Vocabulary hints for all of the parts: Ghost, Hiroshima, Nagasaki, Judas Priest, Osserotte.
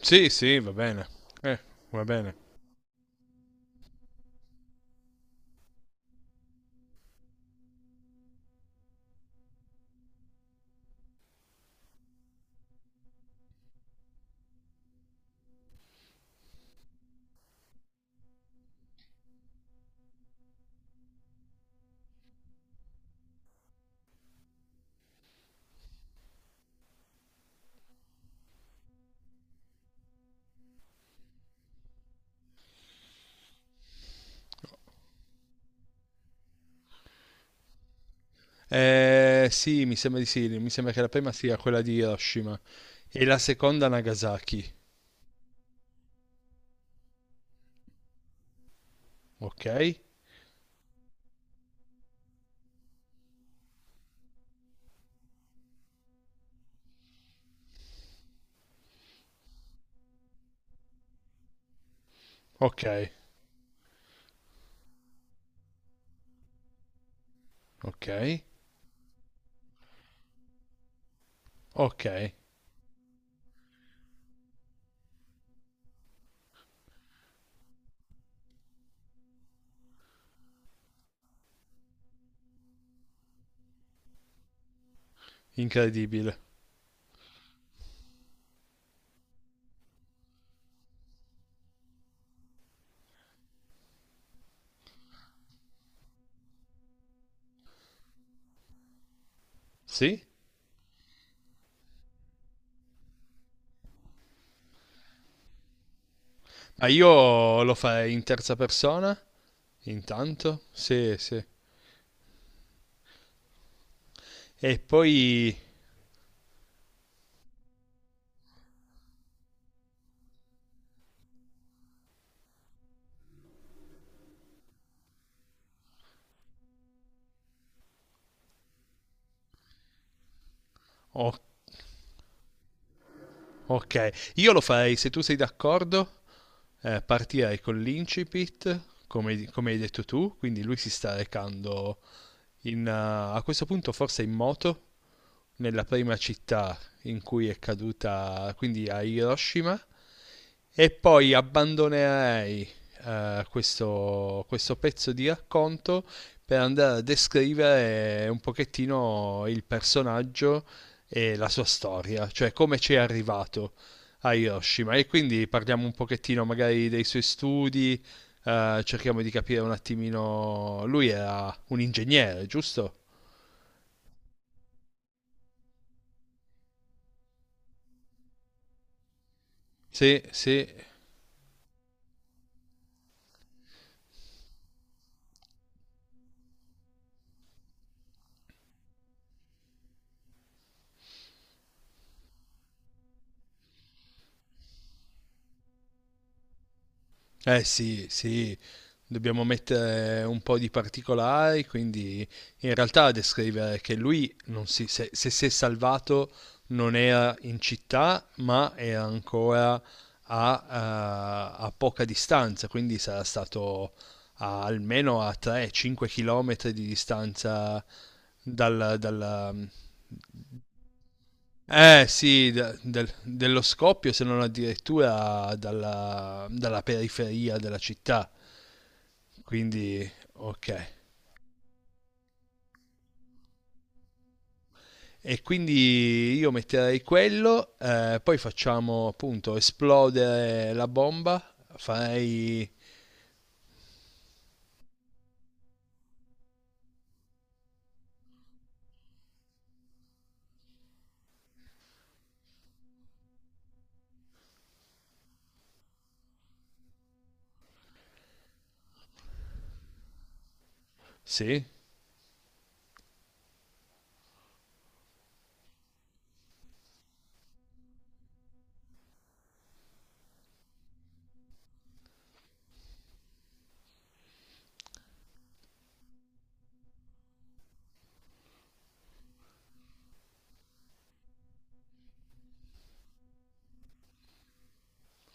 Sì, sì, va bene. Eh, Va bene. Sì, mi sembra di sì. Mi sembra che la prima sia quella di Hiroshima e la seconda Nagasaki. Ok? Ok, ok, ok. Incredibile. Sì? Ma io lo farei in terza persona, intanto. Sì, sì. E poi... o- ok. Io lo farei, se tu sei d'accordo, partirei con l'incipit, come, come hai detto tu. Quindi lui si sta recando in, eh, a questo punto forse in moto nella prima città in cui è caduta, quindi a Hiroshima, e poi abbandonerei questo, questo pezzo di racconto per andare a descrivere un pochettino il personaggio e la sua storia, cioè come ci è arrivato a Hiroshima. E quindi parliamo un pochettino magari dei suoi studi, cerchiamo di capire un attimino. Lui era un ingegnere, giusto? Sì, sì. Eh sì, sì, dobbiamo mettere un po' di particolari, quindi in realtà descrivere che lui non si, se, se si è salvato non era in città, ma era ancora a poca distanza, quindi sarà stato almeno a 3-5 km di distanza dal, dalla- eh sì, dello scoppio, se non addirittura dalla, dalla periferia della città. Quindi, ok. E quindi io metterei quello, poi facciamo appunto esplodere la bomba, farei... Sì?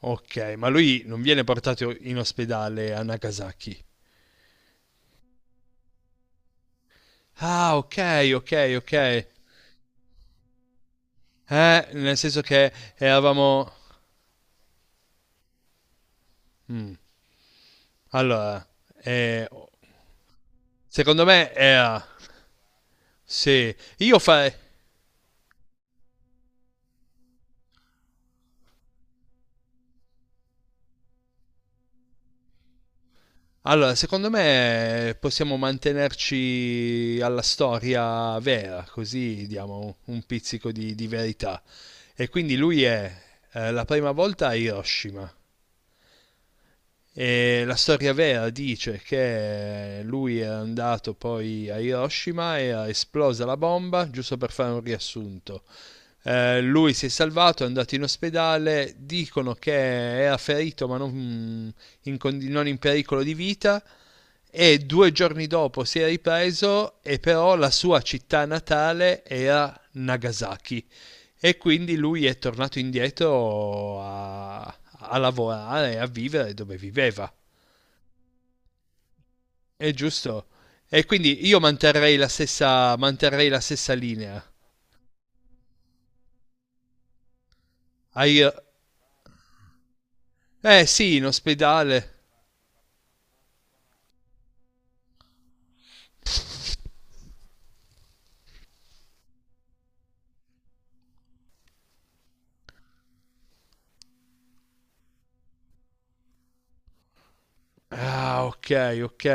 Ok, ma lui non viene portato in ospedale a Nagasaki. Ah, ok, ok, ok. Nel senso che eravamo... Mm. Allora, eh, secondo me è... Sì, io farei... Allora, secondo me possiamo mantenerci alla storia vera, così diamo un pizzico di verità. E quindi lui è la prima volta a Hiroshima. E la storia vera dice che lui era andato poi a Hiroshima e era esplosa la bomba, giusto per fare un riassunto. Lui si è salvato, è andato in ospedale, dicono che era ferito ma non non in pericolo di vita e due giorni dopo si è ripreso e però la sua città natale era Nagasaki e quindi lui è tornato indietro a lavorare e a vivere dove viveva. È giusto? E quindi io manterrei manterrei la stessa linea. Hai- eh sì, in ospedale. Ah, ok, ok.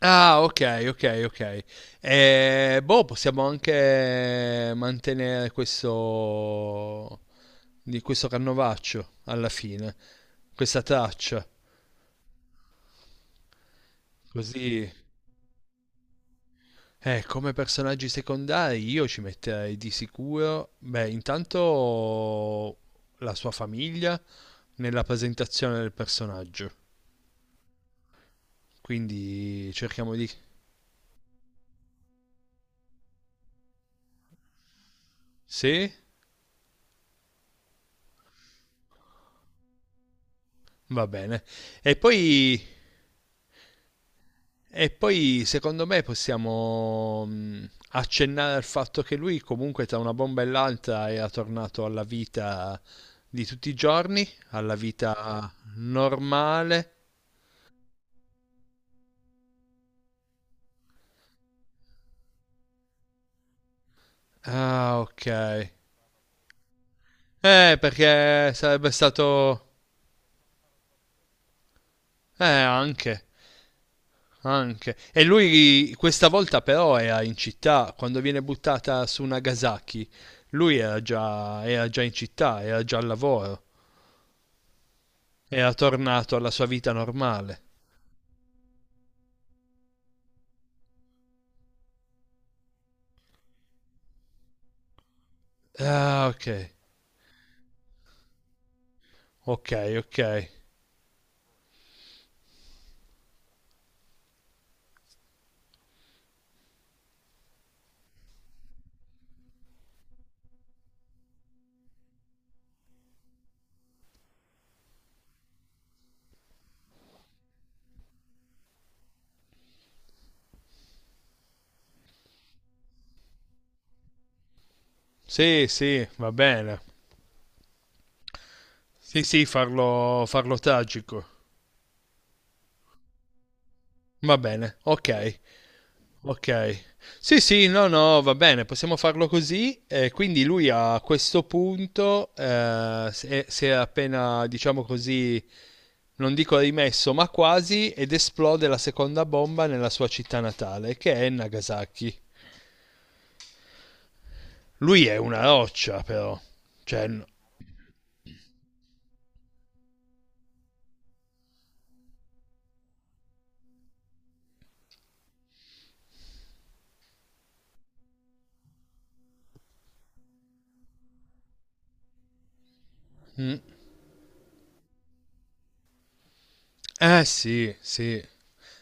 Ah, ok, ok, ok. Boh, possiamo anche mantenere questo, di questo canovaccio alla fine, questa traccia. Così eh, come personaggi secondari io ci metterei di sicuro, beh, intanto la sua famiglia nella presentazione del personaggio. Quindi cerchiamo di... Sì? Va bene. E poi, e poi secondo me possiamo accennare al fatto che lui comunque tra una bomba e l'altra era tornato alla vita di tutti i giorni, alla vita normale. Ah, ok. Perché sarebbe stato... anche, anche. E lui questa volta però era in città, quando viene buttata su Nagasaki, lui era già in città, era già al lavoro, era tornato alla sua vita normale. Ah, ok, ok, ok. Sì, sì, va bene. Sì, sì, farlo, farlo tragico. Va bene, ok. Ok. Sì, sì, no, no, va bene, possiamo farlo così. Quindi lui a questo punto si è appena, diciamo così, non dico rimesso, ma quasi, ed esplode la seconda bomba nella sua città natale, che è Nagasaki. Lui è una roccia, però. Cioè, n- mm. Eh sì, sì.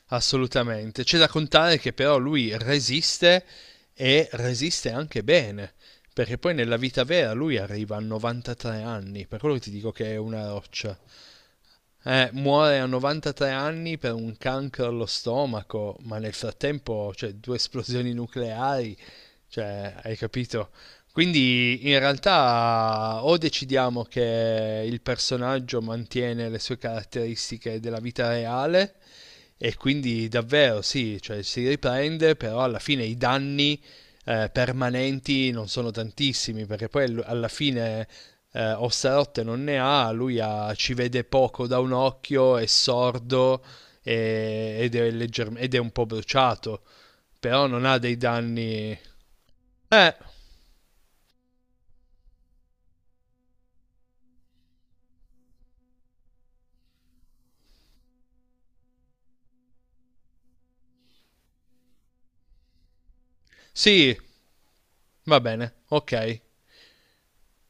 Assolutamente. C'è da contare che però lui resiste e resiste anche bene, perché poi nella vita vera lui arriva a 93 anni, per quello che ti dico che è una roccia. Muore a 93 anni per un cancro allo stomaco, ma nel frattempo, cioè, due esplosioni nucleari, cioè, hai capito? Quindi in realtà o decidiamo che il personaggio mantiene le sue caratteristiche della vita reale e quindi davvero sì, cioè, si riprende, però alla fine i danni permanenti non sono tantissimi, perché poi alla fine Osserotte non ne ha, lui ci vede poco da un occhio, è sordo è ed è un po' bruciato, però non ha dei danni... Eh, sì, va bene, ok.